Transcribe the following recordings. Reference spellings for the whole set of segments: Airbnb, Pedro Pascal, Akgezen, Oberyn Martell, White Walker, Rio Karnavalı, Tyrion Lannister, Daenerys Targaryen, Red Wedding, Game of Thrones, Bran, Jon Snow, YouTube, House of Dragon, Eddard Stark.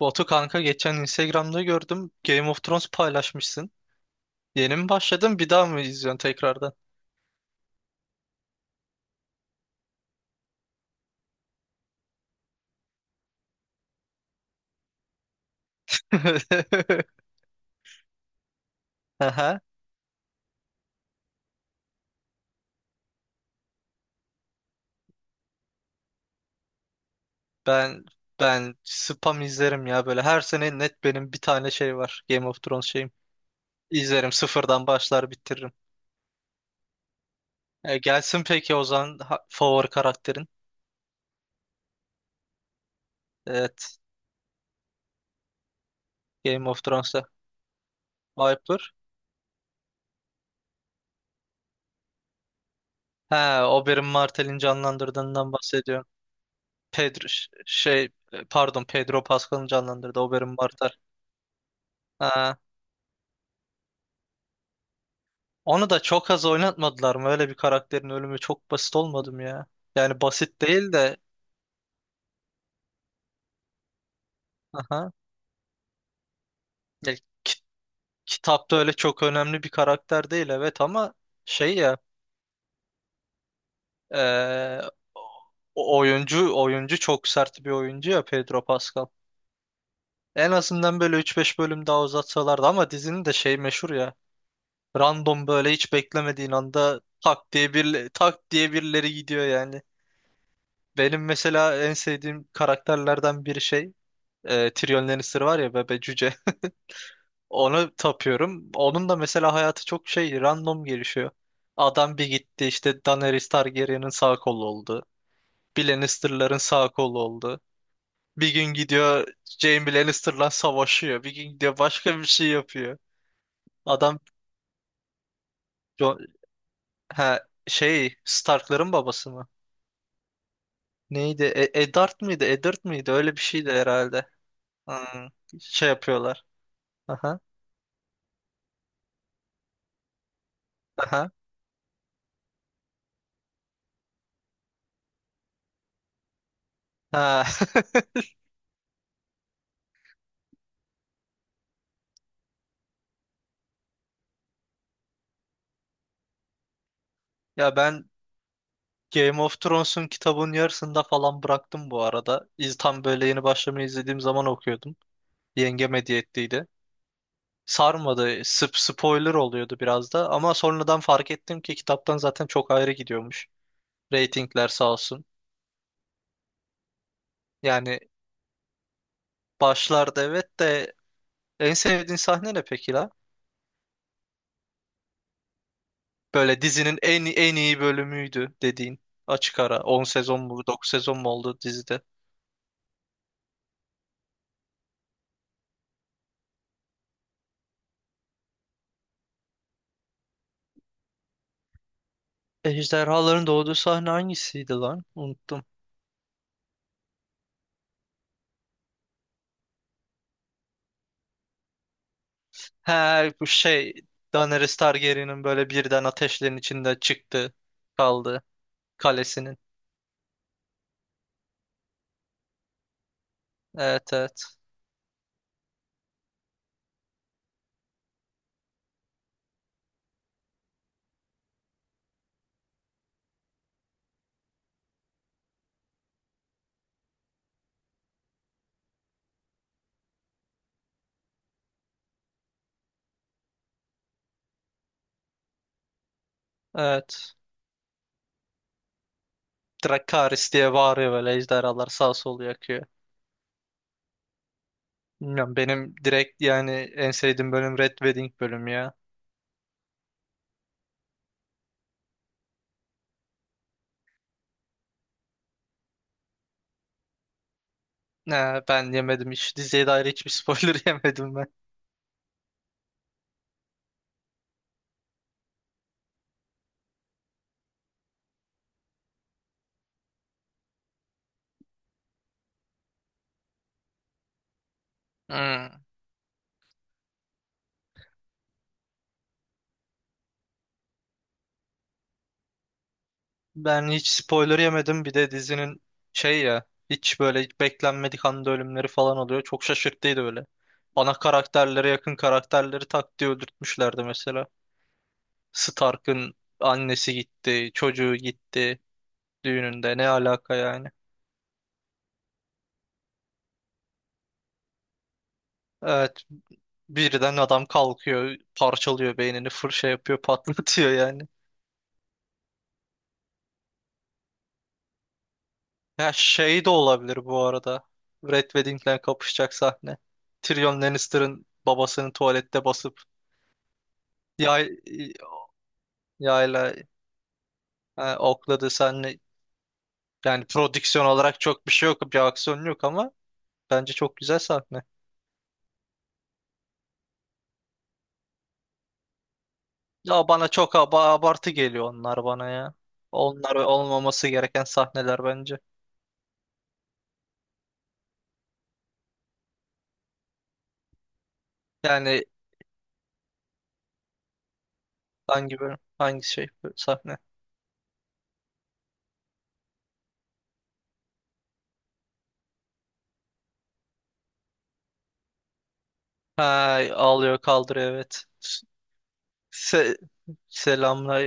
Batu kanka geçen Instagram'da gördüm. Game of Thrones paylaşmışsın. Yeni mi başladın, bir daha mı izliyorsun tekrardan? Aha, ben ben spam izlerim ya, böyle her sene net benim bir tane şey var, Game of Thrones şeyim. İzlerim, sıfırdan başlar bitiririm. Gelsin peki o zaman, favori karakterin. Evet, Game of Thrones'ta Viper. He, Oberyn Martell'in canlandırdığından bahsediyorum. Pedro pardon, Pedro Pascal'ın canlandırdığı Oberyn Martell. Onu da çok az oynatmadılar mı? Öyle bir karakterin ölümü çok basit olmadı mı ya? Yani basit değil de, aha. Ya, ki- kitapta öyle çok önemli bir karakter değil evet, ama şey ya eee, oyuncu çok sert bir oyuncu ya Pedro Pascal. En azından böyle 3 5 bölüm daha uzatsalardı, ama dizinin de şey meşhur ya. Random, böyle hiç beklemediğin anda tak diye tak diye birileri gidiyor yani. Benim mesela en sevdiğim karakterlerden biri Tyrion Lannister var ya, bebe cüce. Onu tapıyorum. Onun da mesela hayatı çok şey, random gelişiyor. Adam bir gitti işte Daenerys Targaryen'in sağ kolu oldu. Bir Lannister'ların sağ kolu oldu. Bir gün gidiyor Jaime Lannister'la savaşıyor. Bir gün gidiyor başka bir şey yapıyor. Adam Jo- ha, şey, Stark'ların babası mı? Neydi? Eddard mıydı? Eddard mıydı? Öyle bir şeydi herhalde. Hmm, şey yapıyorlar. Aha. Aha. Ha. Ya ben Game of Thrones'un kitabının yarısında falan bıraktım bu arada. İz, tam böyle yeni başlamayı izlediğim zaman okuyordum. Yengem hediye ettiydi. Sarmadı. Spoiler oluyordu biraz da. Ama sonradan fark ettim ki kitaptan zaten çok ayrı gidiyormuş. Ratingler sağ olsun. Yani başlarda evet de, en sevdiğin sahne ne peki la? Böyle dizinin en iyi bölümüydü dediğin. Açık ara. 10 sezon mu 9 sezon mu oldu dizide? Ejderhaların doğduğu sahne hangisiydi lan? Unuttum. Ha bu şey, Daenerys Targaryen'in böyle birden ateşlerin içinde çıktı kaldı kalesinin. Evet evet. Evet. Dracarys diye bağırıyor, böyle ejderhalar sağ sol yakıyor. Bilmiyorum, benim direkt yani en sevdiğim bölüm Red Wedding bölümü ya. Ha, ben yemedim hiç. Diziye dair hiçbir spoiler yemedim ben. Hmm. Ben hiç spoiler yemedim. Bir de dizinin şey ya, hiç böyle hiç beklenmedik anda ölümleri falan oluyor. Çok şaşırttıydı böyle. Ana karakterlere yakın karakterleri tak diye öldürtmüşlerdi mesela. Stark'ın annesi gitti, çocuğu gitti düğününde. Ne alaka yani? Evet, birden adam kalkıyor, parçalıyor beynini, fır şey yapıyor, patlatıyor yani. Ya şey de olabilir bu arada. Red Wedding'le kapışacak sahne. Tyrion Lannister'ın babasının tuvalette basıp yay, yayla okladı senle, yani prodüksiyon olarak çok bir şey yok, bir aksiyon yok, ama bence çok güzel sahne. Ya bana çok abartı geliyor onlar bana ya. Onlar olmaması gereken sahneler bence. Yani hangi bölüm, hangi şey, sahne? Ha, ağlıyor kaldırıyor evet. Se selamla,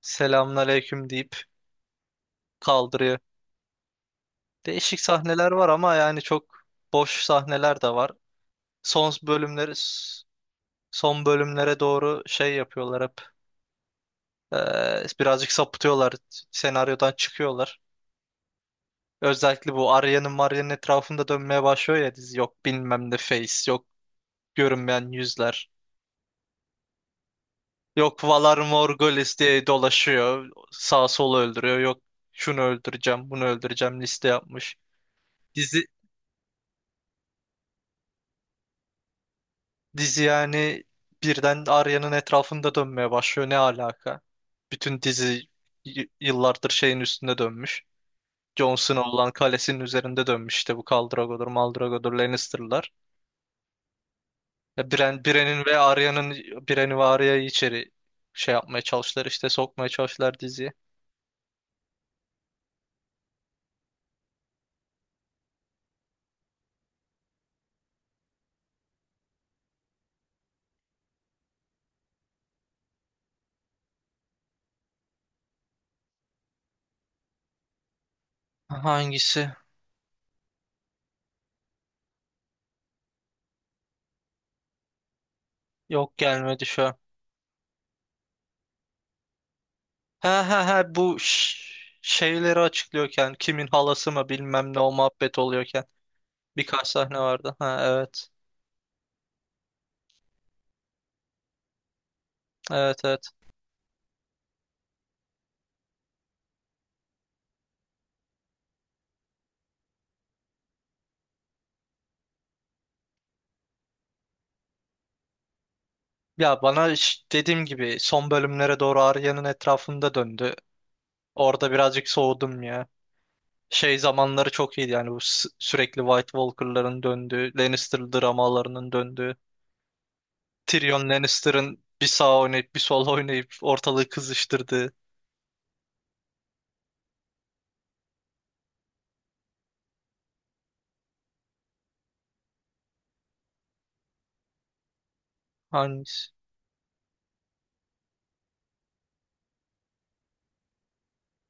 selamünaleyküm deyip kaldırıyor. Değişik sahneler var ama yani çok boş sahneler de var. Son bölümleri son bölümlere doğru şey yapıyorlar hep. Birazcık sapıtıyorlar. Senaryodan çıkıyorlar. Özellikle bu Arya'nın, Marya'nın etrafında dönmeye başlıyor ya dizi. Yok bilmem ne face, yok görünmeyen yüzler. Yok Valar Morghulis diye dolaşıyor. Sağ solu öldürüyor. Yok şunu öldüreceğim, bunu öldüreceğim, liste yapmış. Dizi, dizi yani birden Arya'nın etrafında dönmeye başlıyor. Ne alaka? Bütün dizi yıllardır şeyin üstünde dönmüş. Jon Snow olan kalesinin üzerinde dönmüş, işte bu Khal Drogo'dur, Mal Drogo'dur, Lannister'lar. Ya Bren, Bren'in ve Arya'nın Bren'i ve Arya'yı içeri şey yapmaya çalıştılar, işte sokmaya çalıştılar diziye. Hangisi? Yok, gelmedi şu an. Ha ha ha, bu şeyleri açıklıyorken kimin halası mı bilmem ne o muhabbet oluyorken birkaç sahne vardı. Ha evet. Evet evet. Ya bana ş-, dediğim gibi, son bölümlere doğru Arya'nın etrafında döndü. Orada birazcık soğudum ya. Şey zamanları çok iyiydi yani, bu sürekli White Walker'ların döndüğü, Lannister dramalarının döndüğü, Tyrion Lannister'ın bir sağ oynayıp bir sol oynayıp ortalığı kızıştırdığı. Hangisi?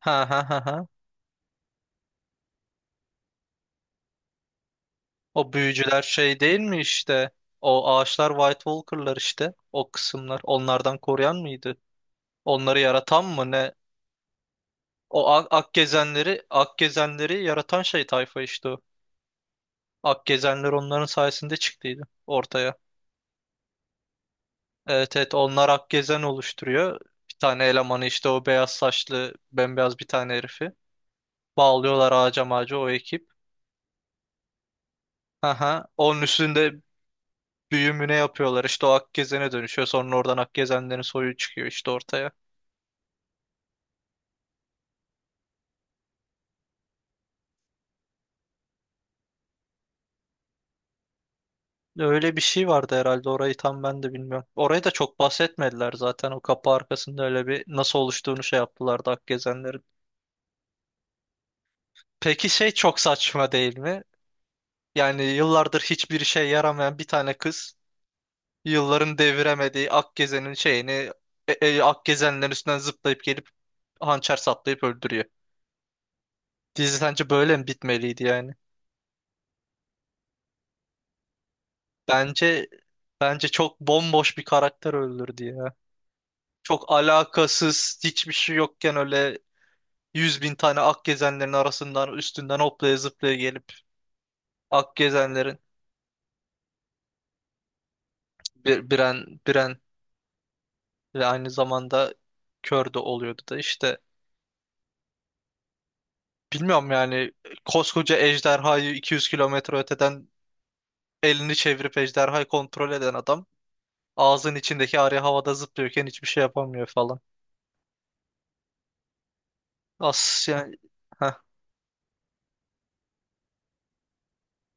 Ha ha ha ha. O büyücüler şey değil mi işte? O ağaçlar White Walker'lar işte. O kısımlar onlardan koruyan mıydı? Onları yaratan mı ne? O ak gezenleri, ak gezenleri yaratan şey tayfa işte o. Ak gezenler onların sayesinde çıktıydı ortaya. Evet evet, onlar Akgezen oluşturuyor. Bir tane elemanı işte, o beyaz saçlı bembeyaz bir tane herifi. Bağlıyorlar ağaca mağaca o ekip. Aha, onun üstünde büyümüne yapıyorlar işte, o Akgezen'e dönüşüyor. Sonra oradan Akgezenlerin soyu çıkıyor işte ortaya. Öyle bir şey vardı herhalde, orayı tam ben de bilmiyorum. Orayı da çok bahsetmediler zaten, o kapı arkasında öyle bir nasıl oluştuğunu şey yaptılardı Akgezenlerin. Peki şey çok saçma değil mi? Yani yıllardır hiçbir işe yaramayan bir tane kız, yılların deviremediği Akgezen'in şeyini Akgezenlerin üstünden zıplayıp gelip hançer saplayıp öldürüyor. Dizi sence böyle mi bitmeliydi yani? Bence bence çok bomboş bir karakter öldürdü ya. Çok alakasız, hiçbir şey yokken öyle yüz bin tane Akgezenlerin arasından üstünden hoplaya zıplaya gelip Akgezenlerin Biren ve aynı zamanda kör de oluyordu da işte, bilmiyorum yani, koskoca ejderhayı 200 kilometre öteden elini çevirip ejderhayı kontrol eden adam ağzın içindeki arı havada zıplıyorken hiçbir şey yapamıyor falan. As yani, heh,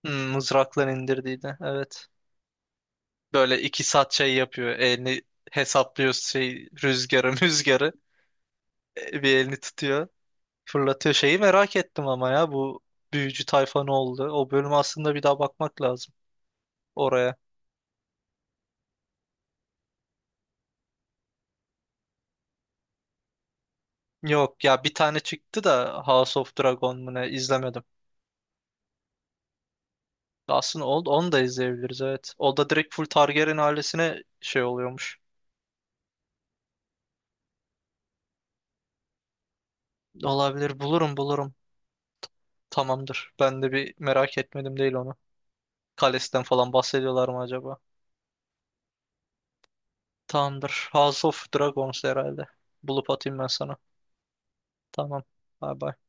hmm, mızrakla indirdiğini evet. Böyle 2 saat şey yapıyor. Elini hesaplıyor şey rüzgarı müzgarı. Bir elini tutuyor. Fırlatıyor şeyi, merak ettim ama ya, bu büyücü tayfa ne oldu? O bölüm, aslında bir daha bakmak lazım oraya. Yok ya, bir tane çıktı da, House of Dragon mu ne, izlemedim. Aslında Old, onu da izleyebiliriz evet. O da direkt full Targaryen ailesine şey oluyormuş. Olabilir, bulurum. Tamamdır. Ben de bir merak etmedim değil onu. Kalesinden falan bahsediyorlar mı acaba? Tamamdır. House of Dragons herhalde. Bulup atayım ben sana. Tamam. Bay bay.